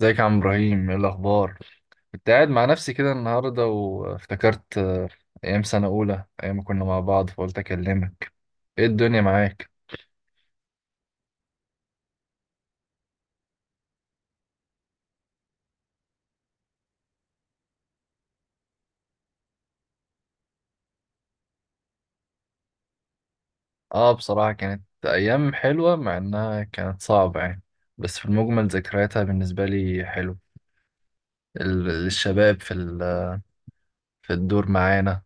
ازيك يا عم ابراهيم، ايه الاخبار؟ كنت قاعد مع نفسي كده النهارده وافتكرت ايام سنه اولى، ايام ما كنا مع بعض، فقلت اكلمك. ايه الدنيا معاك؟ اه بصراحه كانت ايام حلوه مع انها كانت صعبه يعني، بس في المجمل ذكرياتها بالنسبه لي حلو. الشباب في الدور معانا،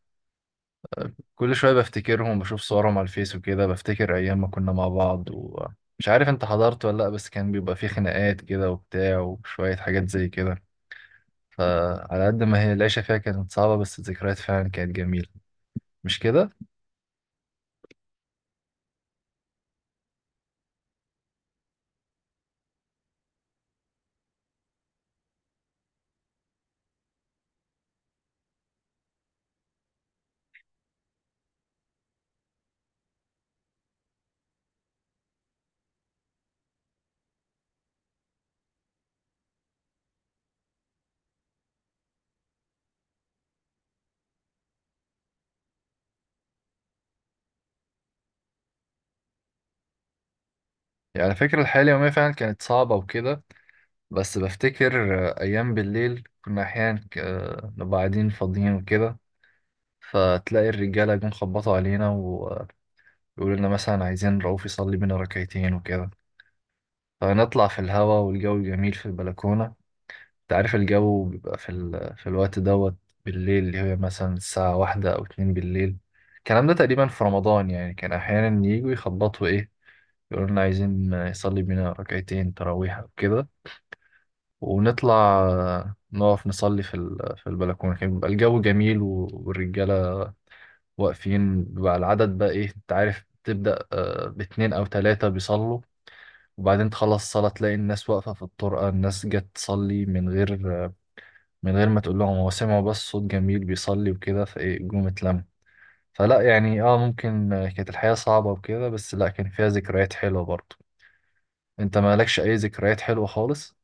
كل شويه بفتكرهم، بشوف صورهم على الفيس وكده، بفتكر ايام ما كنا مع بعض. ومش عارف انت حضرت ولا لا، بس كان بيبقى فيه خناقات كده وبتاع وشويه حاجات زي كده. فعلى قد ما هي العيشة فيها كانت صعبة، بس الذكريات فعلا كانت جميلة. مش كده؟ يعني على فكرة الحياة اليومية فعلا كانت صعبة وكده، بس بفتكر أيام بالليل كنا أحيانا نبقى قاعدين فاضيين وكده، فتلاقي الرجالة جم خبطوا علينا ويقولوا لنا مثلا عايزين رؤوف يصلي بينا ركعتين وكده، فنطلع في الهوا والجو جميل في البلكونة. انت عارف الجو بيبقى في الوقت دوت بالليل، اللي هي مثلا الساعة واحدة أو اتنين بالليل. الكلام ده تقريبا في رمضان، يعني كان أحيانا يجوا يخبطوا إيه، يقولوا لنا عايزين يصلي بينا ركعتين تراويح أو كده، ونطلع نقف نصلي في البلكونة. كان بيبقى الجو جميل والرجالة واقفين، بقى العدد بقى إيه، أنت عارف، تبدأ باتنين أو تلاتة بيصلوا، وبعدين تخلص الصلاة تلاقي الناس واقفة في الطرقة، الناس جت تصلي من غير ما تقول لهم، هو سمعوا بس صوت جميل بيصلي وكده فايه جم اتلم. فلا يعني ممكن كانت الحياة صعبة وكده، بس لا، كان فيها ذكريات حلوة برضه. انت مالكش اي ذكريات حلوة خالص؟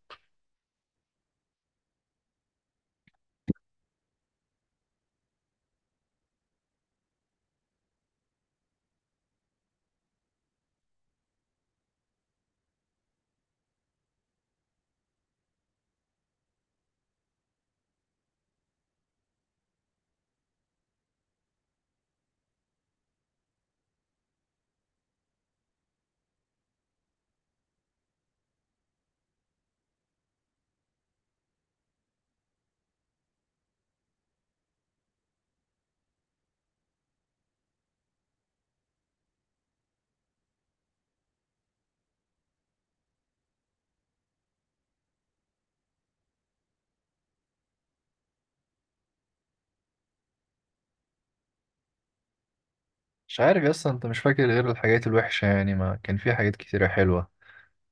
مش عارف يا اسطى، انت مش فاكر غير الحاجات الوحشة يعني، ما كان في حاجات كتيرة حلوة.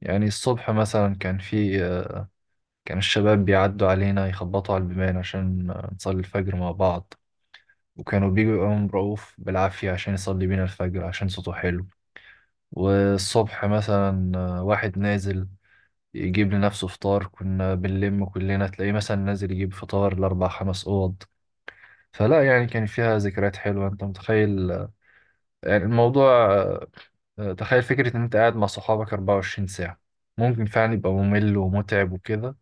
يعني الصبح مثلا كان في آه، كان الشباب بيعدوا علينا يخبطوا على البيبان عشان نصلي الفجر مع بعض، وكانوا بيجوا يقوم رؤوف بالعافية عشان يصلي بينا الفجر عشان صوته حلو. والصبح مثلا واحد نازل يجيب لنفسه فطار، كنا بنلم كلنا، تلاقيه مثلا نازل يجيب فطار لأربع خمس أوض. فلا يعني كان فيها ذكريات حلوة، أنت متخيل يعني الموضوع. تخيل فكرة إن أنت قاعد مع صحابك 24 ساعة، ممكن فعلا يبقى ممل ومتعب وكده،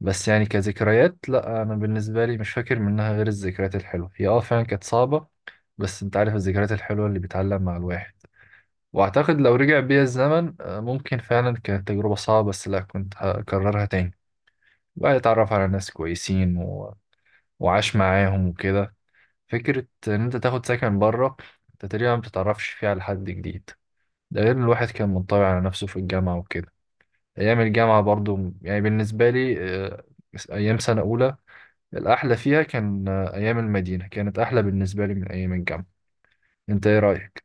بس يعني كذكريات لا، أنا بالنسبة لي مش فاكر منها غير الذكريات الحلوة. هي فعلا كانت صعبة، بس أنت عارف الذكريات الحلوة اللي بتعلم مع الواحد. وأعتقد لو رجع بيا الزمن ممكن فعلا كانت تجربة صعبة، بس لا، كنت هكررها تاني، بقى يتعرف على ناس كويسين وعاش معاهم وكده. فكرة إن أنت تاخد سكن بره، أنت تقريبا ما بتتعرفش فيه على حد جديد، ده غير إن الواحد كان منطوي على نفسه في الجامعة وكده. أيام الجامعة برضو يعني بالنسبة لي، آه، أيام سنة أولى الأحلى فيها كان أيام المدينة، كانت أحلى بالنسبة لي من أيام الجامعة. أنت إيه رأيك؟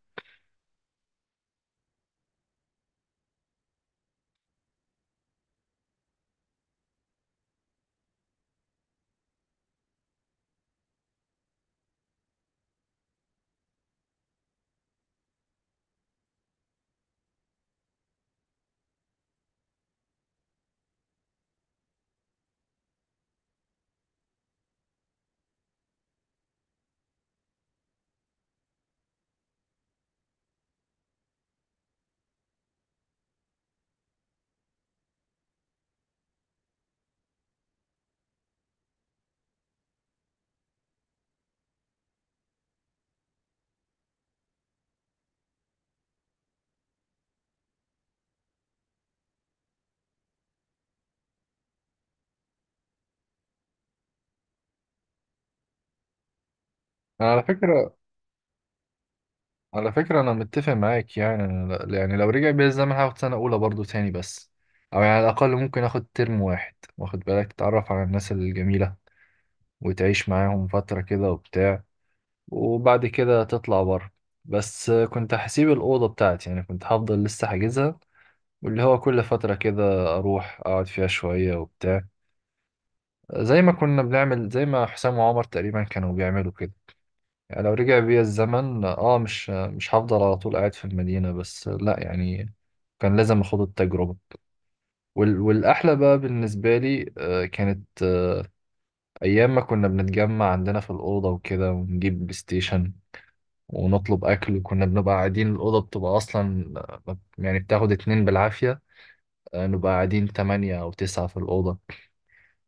أنا على فكرة، أنا متفق معاك. يعني أنا يعني لو رجع بيا الزمن هاخد سنة أولى برضه تاني، بس أو يعني على الأقل ممكن آخد ترم واحد، واخد بالك، تتعرف على الناس الجميلة وتعيش معاهم فترة كده وبتاع، وبعد كده تطلع بره. بس كنت هسيب الأوضة بتاعتي يعني، كنت هفضل لسه حاجزها، واللي هو كل فترة كده أروح أقعد فيها شوية وبتاع، زي ما كنا بنعمل، زي ما حسام وعمر تقريبا كانوا بيعملوا كده. يعني لو رجع بيا الزمن مش هفضل على طول قاعد في المدينة، بس لا يعني، كان لازم اخد التجربة. والأحلى بقى بالنسبة لي كانت أيام ما كنا بنتجمع عندنا في الأوضة وكده، ونجيب بلاي ستيشن ونطلب أكل، وكنا بنبقى قاعدين. الأوضة بتبقى أصلا يعني بتاخد اتنين بالعافية، نبقى قاعدين تمانية أو تسعة في الأوضة.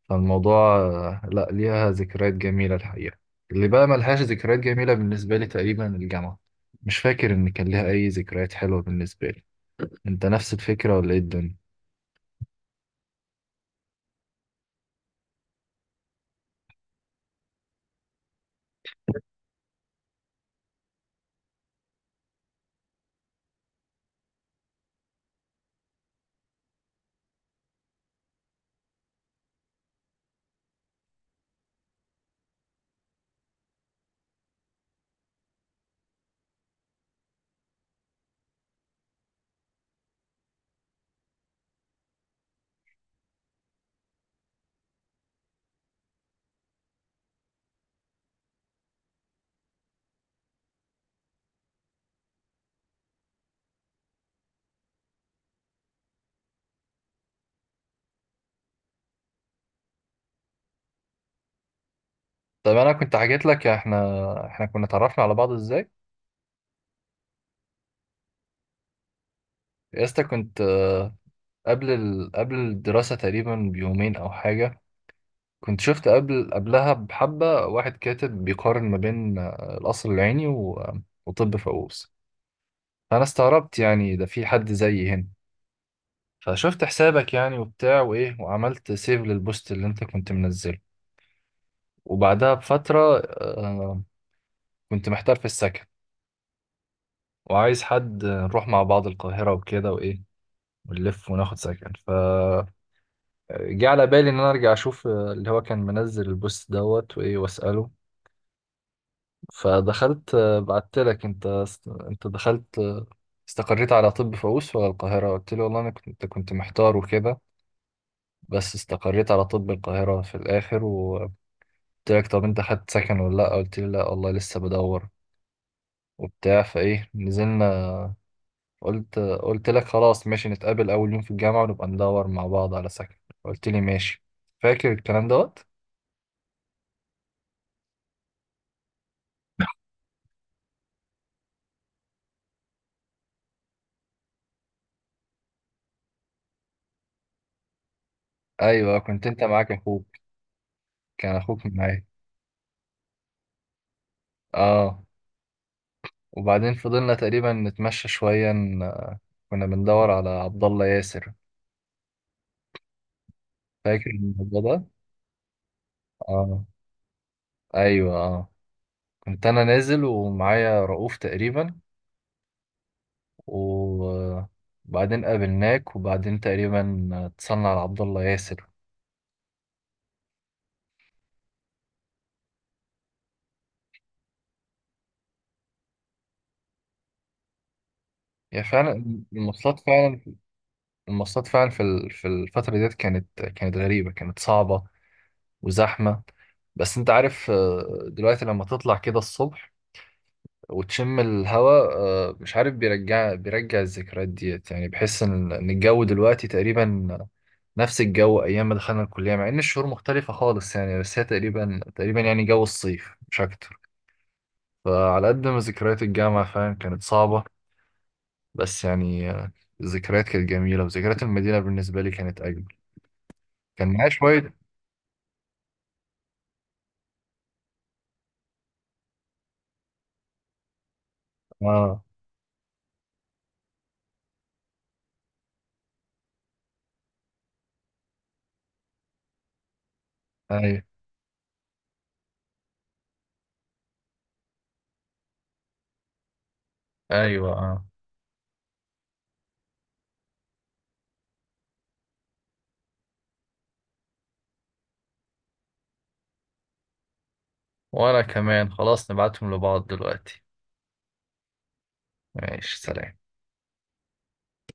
فالموضوع لا، ليها ذكريات جميلة الحقيقة. اللي بقى ملهاش ذكريات جميلة بالنسبة لي تقريبا الجامعة، مش فاكر إن كان ليها أي ذكريات حلوة بالنسبة لي. أنت نفس الفكرة ولا إيه الدنيا؟ طب أنا كنت حكيت لك إحنا كنا اتعرفنا على بعض إزاي؟ يا اسطى، كنت قبل الدراسة تقريبا بيومين أو حاجة، كنت شفت قبلها بحبة واحد كاتب بيقارن ما بين القصر العيني وطب فؤوس. فأنا استغربت يعني، ده في حد زيي هنا؟ فشفت حسابك يعني وبتاع وايه، وعملت سيف للبوست اللي انت كنت منزله. وبعدها بفترة كنت محتار في السكن، وعايز حد نروح مع بعض القاهرة وكده وايه، ونلف وناخد سكن فجه على بالي ان انا ارجع اشوف اللي هو كان منزل البوست دوت وايه واسأله. فدخلت بعت لك انت، انت دخلت استقريت على طب فؤوس ولا القاهرة. قلت له والله انا كنت محتار وكده، بس استقريت على طب القاهرة في الآخر، و قلت لك طب انت خدت سكن ولا لا. قلت لي لا والله لسه بدور وبتاع، فايه نزلنا. قلت لك خلاص ماشي، نتقابل اول يوم في الجامعه ونبقى ندور مع بعض على سكن. قلت لي ماشي. فاكر الكلام دوت؟ ايوه، كنت انت معاك اخوك، كان اخوك معايا. اه. وبعدين فضلنا تقريبا نتمشى شويه، كنا بندور على عبد الله ياسر. فاكر الموضوع ده؟ اه، ايوه، اه. كنت انا نازل ومعايا رؤوف تقريبا، وبعدين قابلناك، وبعدين تقريبا اتصلنا على عبد الله ياسر. هي فعلا المواصلات، فعلا المواصلات، فعلا في الفترة ديت كانت غريبة، كانت صعبة وزحمة. بس انت عارف دلوقتي لما تطلع كده الصبح وتشم الهواء مش عارف، بيرجع الذكريات ديت يعني، بحس إن الجو دلوقتي تقريبا نفس الجو ايام ما دخلنا الكلية، مع ان الشهور مختلفة خالص يعني، بس هي تقريبا يعني جو الصيف مش اكتر. فعلى قد ما ذكريات الجامعة فاهم كانت صعبة، بس يعني الذكريات كانت جميلة، وذكريات المدينة بالنسبة لي كانت أجمل. كان معايا شوية. اه، أيوة، ايوه، اه. وانا كمان خلاص، نبعتهم لبعض دلوقتي. ماشي، سلام.